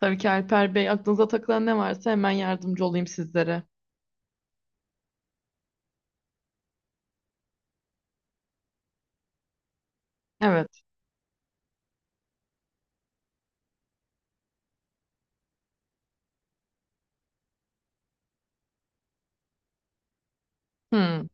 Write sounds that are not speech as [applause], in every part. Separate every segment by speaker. Speaker 1: Tabii ki Alper Bey, aklınıza takılan ne varsa hemen yardımcı olayım sizlere. Evet. Hmm.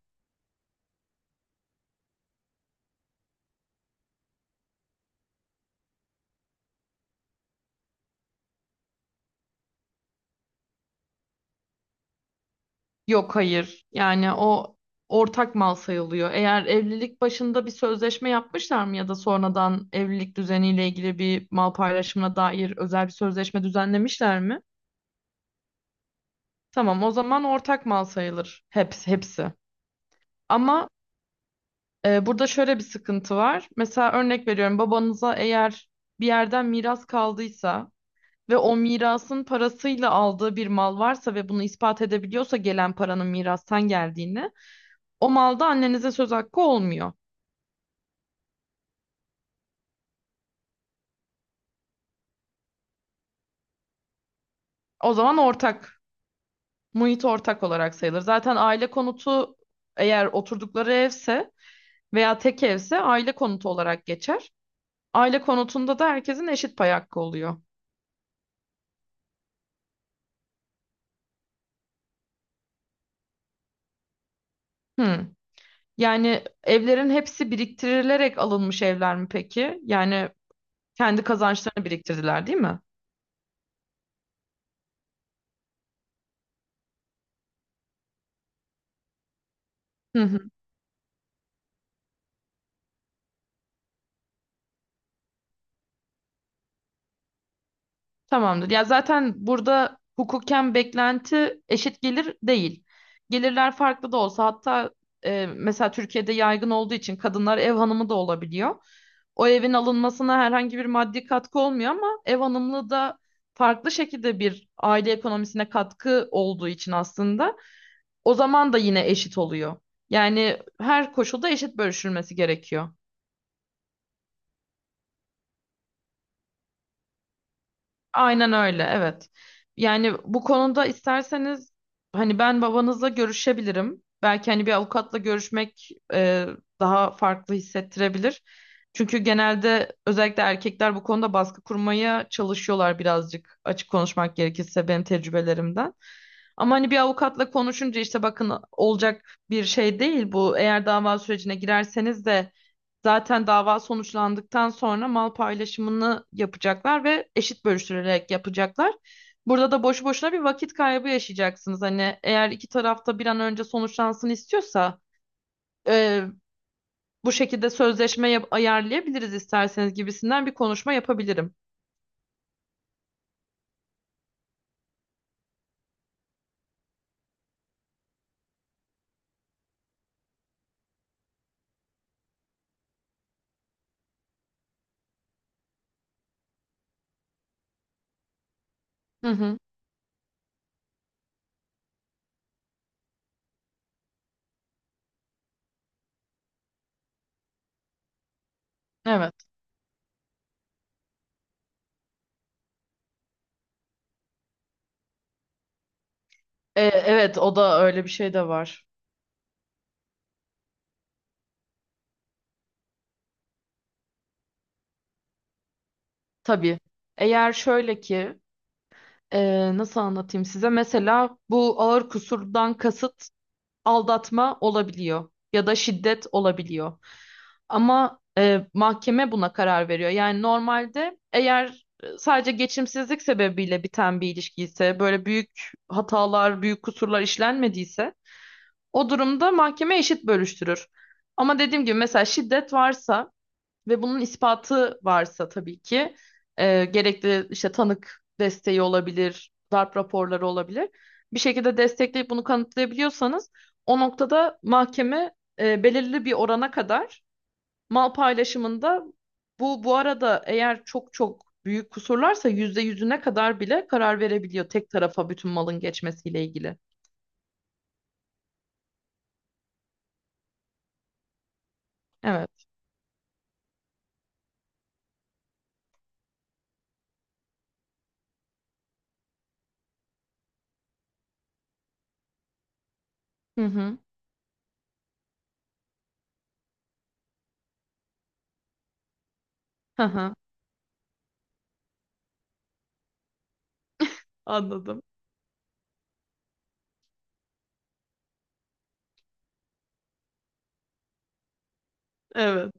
Speaker 1: Yok hayır. Yani o ortak mal sayılıyor. Eğer evlilik başında bir sözleşme yapmışlar mı ya da sonradan evlilik düzeniyle ilgili bir mal paylaşımına dair özel bir sözleşme düzenlemişler mi? Tamam, o zaman ortak mal sayılır. Hepsi, hepsi. Ama burada şöyle bir sıkıntı var. Mesela örnek veriyorum, babanıza eğer bir yerden miras kaldıysa ve o mirasın parasıyla aldığı bir mal varsa ve bunu ispat edebiliyorsa gelen paranın mirastan geldiğini, o malda annenize söz hakkı olmuyor. O zaman ortak, muhit ortak olarak sayılır. Zaten aile konutu eğer oturdukları evse veya tek evse aile konutu olarak geçer. Aile konutunda da herkesin eşit pay hakkı oluyor. Hmm. Yani evlerin hepsi biriktirilerek alınmış evler mi peki? Yani kendi kazançlarını biriktirdiler, değil mi? Hı hı. Tamamdır. Ya zaten burada hukuken beklenti eşit gelir değil. Gelirler farklı da olsa, hatta mesela Türkiye'de yaygın olduğu için kadınlar ev hanımı da olabiliyor. O evin alınmasına herhangi bir maddi katkı olmuyor ama ev hanımlığı da farklı şekilde bir aile ekonomisine katkı olduğu için aslında o zaman da yine eşit oluyor. Yani her koşulda eşit bölüşülmesi gerekiyor. Aynen öyle, evet. Yani bu konuda isterseniz hani ben babanızla görüşebilirim. Belki hani bir avukatla görüşmek daha farklı hissettirebilir. Çünkü genelde özellikle erkekler bu konuda baskı kurmaya çalışıyorlar birazcık, açık konuşmak gerekirse benim tecrübelerimden. Ama hani bir avukatla konuşunca işte bakın, olacak bir şey değil bu. Eğer dava sürecine girerseniz de zaten dava sonuçlandıktan sonra mal paylaşımını yapacaklar ve eşit bölüştürerek yapacaklar. Burada da boşu boşuna bir vakit kaybı yaşayacaksınız. Hani eğer iki tarafta bir an önce sonuçlansın istiyorsa e, bu şekilde sözleşme ayarlayabiliriz isterseniz gibisinden bir konuşma yapabilirim. Hı hı, evet. Evet, o da öyle bir şey de var. Tabii. Eğer şöyle ki nasıl anlatayım size, mesela bu ağır kusurdan kasıt aldatma olabiliyor ya da şiddet olabiliyor. Ama mahkeme buna karar veriyor. Yani normalde eğer sadece geçimsizlik sebebiyle biten bir ilişki ise, böyle büyük hatalar, büyük kusurlar işlenmediyse o durumda mahkeme eşit bölüştürür. Ama dediğim gibi, mesela şiddet varsa ve bunun ispatı varsa, tabii ki gerekli işte tanık desteği olabilir, darp raporları olabilir. Bir şekilde destekleyip bunu kanıtlayabiliyorsanız o noktada mahkeme belirli bir orana kadar mal paylaşımında, bu arada eğer çok çok büyük kusurlarsa yüzde yüzüne kadar bile karar verebiliyor tek tarafa bütün malın geçmesiyle ilgili. Evet. Hı hı. Hı hı. Anladım. Evet.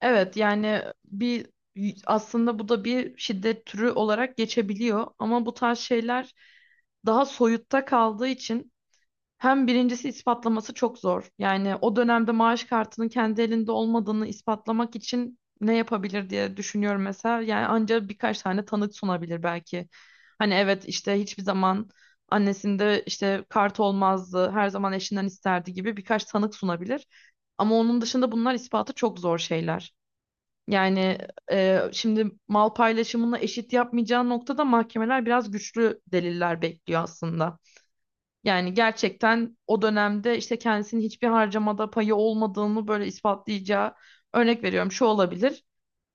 Speaker 1: Evet, yani aslında bu da bir şiddet türü olarak geçebiliyor ama bu tarz şeyler daha soyutta kaldığı için, hem birincisi, ispatlaması çok zor. Yani o dönemde maaş kartının kendi elinde olmadığını ispatlamak için ne yapabilir diye düşünüyorum mesela. Yani ancak birkaç tane tanık sunabilir belki. Hani evet, işte hiçbir zaman annesinde işte kart olmazdı, her zaman eşinden isterdi gibi birkaç tanık sunabilir. Ama onun dışında bunlar ispatı çok zor şeyler. Yani şimdi mal paylaşımını eşit yapmayacağı noktada mahkemeler biraz güçlü deliller bekliyor aslında. Yani gerçekten o dönemde işte kendisinin hiçbir harcamada payı olmadığını böyle ispatlayacağı, örnek veriyorum, şu olabilir: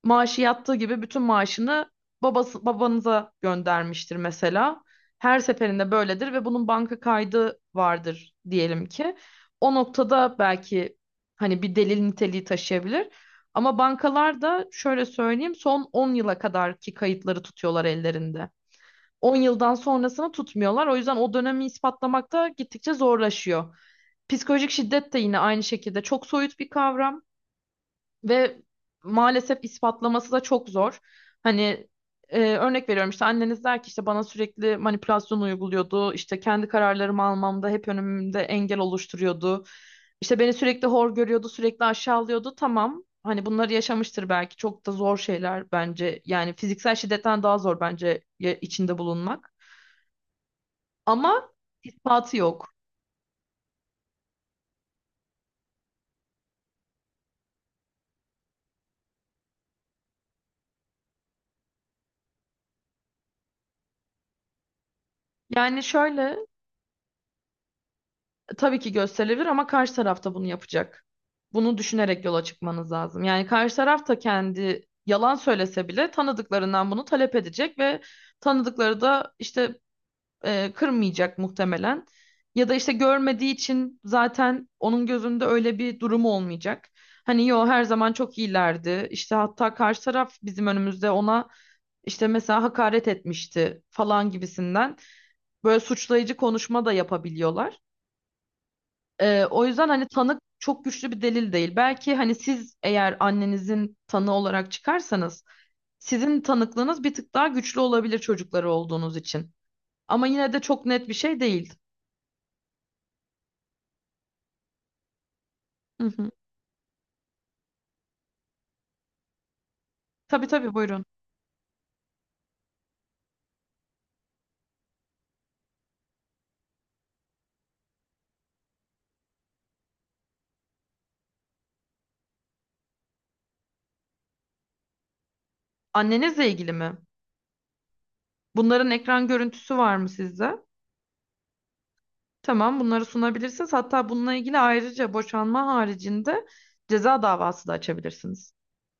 Speaker 1: maaşı yattığı gibi bütün maaşını babanıza göndermiştir mesela. Her seferinde böyledir ve bunun banka kaydı vardır diyelim ki. O noktada belki hani bir delil niteliği taşıyabilir. Ama bankalar da, şöyle söyleyeyim, son 10 yıla kadarki kayıtları tutuyorlar ellerinde. 10 yıldan sonrasını tutmuyorlar. O yüzden o dönemi ispatlamak da gittikçe zorlaşıyor. Psikolojik şiddet de yine aynı şekilde çok soyut bir kavram. Ve maalesef ispatlaması da çok zor. Hani örnek veriyorum, işte anneniz der ki işte bana sürekli manipülasyon uyguluyordu. İşte kendi kararlarımı almamda hep önümde engel oluşturuyordu. İşte beni sürekli hor görüyordu, sürekli aşağılıyordu. Tamam. Hani bunları yaşamıştır belki. Çok da zor şeyler bence. Yani fiziksel şiddetten daha zor bence içinde bulunmak. Ama ispatı yok. Yani şöyle, tabii ki gösterilir ama karşı tarafta bunu yapacak. Bunu düşünerek yola çıkmanız lazım. Yani karşı taraf da kendi yalan söylese bile tanıdıklarından bunu talep edecek ve tanıdıkları da işte kırmayacak muhtemelen. Ya da işte görmediği için zaten onun gözünde öyle bir durumu olmayacak. Hani yo, her zaman çok iyilerdi. İşte hatta karşı taraf bizim önümüzde ona işte mesela hakaret etmişti falan gibisinden böyle suçlayıcı konuşma da yapabiliyorlar. O yüzden hani tanık çok güçlü bir delil değil. Belki hani siz, eğer annenizin tanığı olarak çıkarsanız, sizin tanıklığınız bir tık daha güçlü olabilir çocukları olduğunuz için. Ama yine de çok net bir şey değil. Hı hı. Tabii tabii, buyurun. Annenizle ilgili mi? Bunların ekran görüntüsü var mı sizde? Tamam, bunları sunabilirsiniz. Hatta bununla ilgili ayrıca boşanma haricinde ceza davası da açabilirsiniz.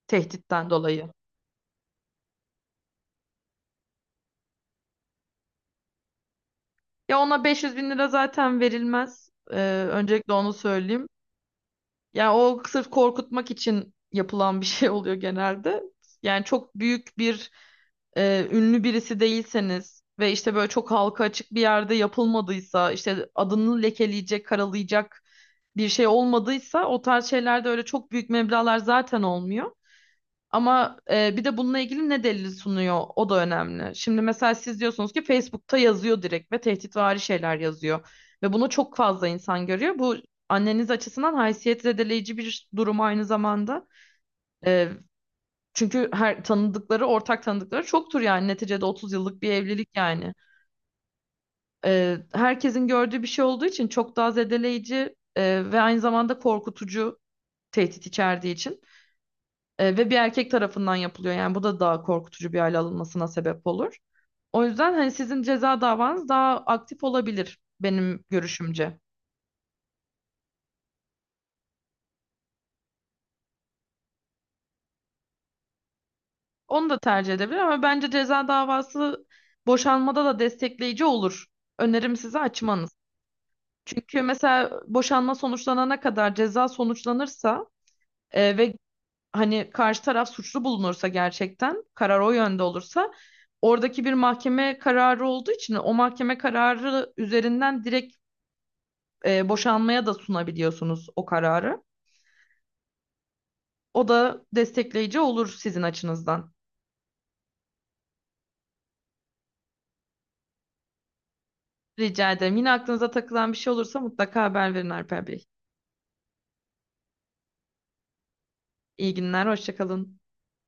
Speaker 1: Tehditten dolayı. Ya ona 500 bin lira zaten verilmez. Öncelikle onu söyleyeyim. Yani o sırf korkutmak için yapılan bir [laughs] şey oluyor genelde. Yani çok büyük bir ünlü birisi değilseniz ve işte böyle çok halka açık bir yerde yapılmadıysa, işte adını lekeleyecek, karalayacak bir şey olmadıysa, o tarz şeylerde öyle çok büyük meblağlar zaten olmuyor. Ama bir de bununla ilgili ne delil sunuyor, o da önemli. Şimdi mesela siz diyorsunuz ki Facebook'ta yazıyor direkt ve tehditvari şeyler yazıyor. Ve bunu çok fazla insan görüyor. Bu anneniz açısından haysiyet zedeleyici bir durum aynı zamanda. E, Çünkü her tanıdıkları, ortak tanıdıkları çoktur yani. Neticede 30 yıllık bir evlilik yani. Herkesin gördüğü bir şey olduğu için çok daha zedeleyici ve aynı zamanda korkutucu, tehdit içerdiği için. Ve bir erkek tarafından yapılıyor. Yani bu da daha korkutucu bir hale alınmasına sebep olur. O yüzden hani sizin ceza davanız daha aktif olabilir benim görüşümce. Onu da tercih edebilir ama bence ceza davası boşanmada da destekleyici olur. Önerim size açmanız. Çünkü mesela boşanma sonuçlanana kadar ceza sonuçlanırsa ve hani karşı taraf suçlu bulunursa, gerçekten karar o yönde olursa, oradaki bir mahkeme kararı olduğu için o mahkeme kararı üzerinden direkt boşanmaya da sunabiliyorsunuz o kararı. O da destekleyici olur sizin açınızdan. Rica ederim. Yine aklınıza takılan bir şey olursa mutlaka haber verin Alper Bey. İyi günler, hoşça kalın.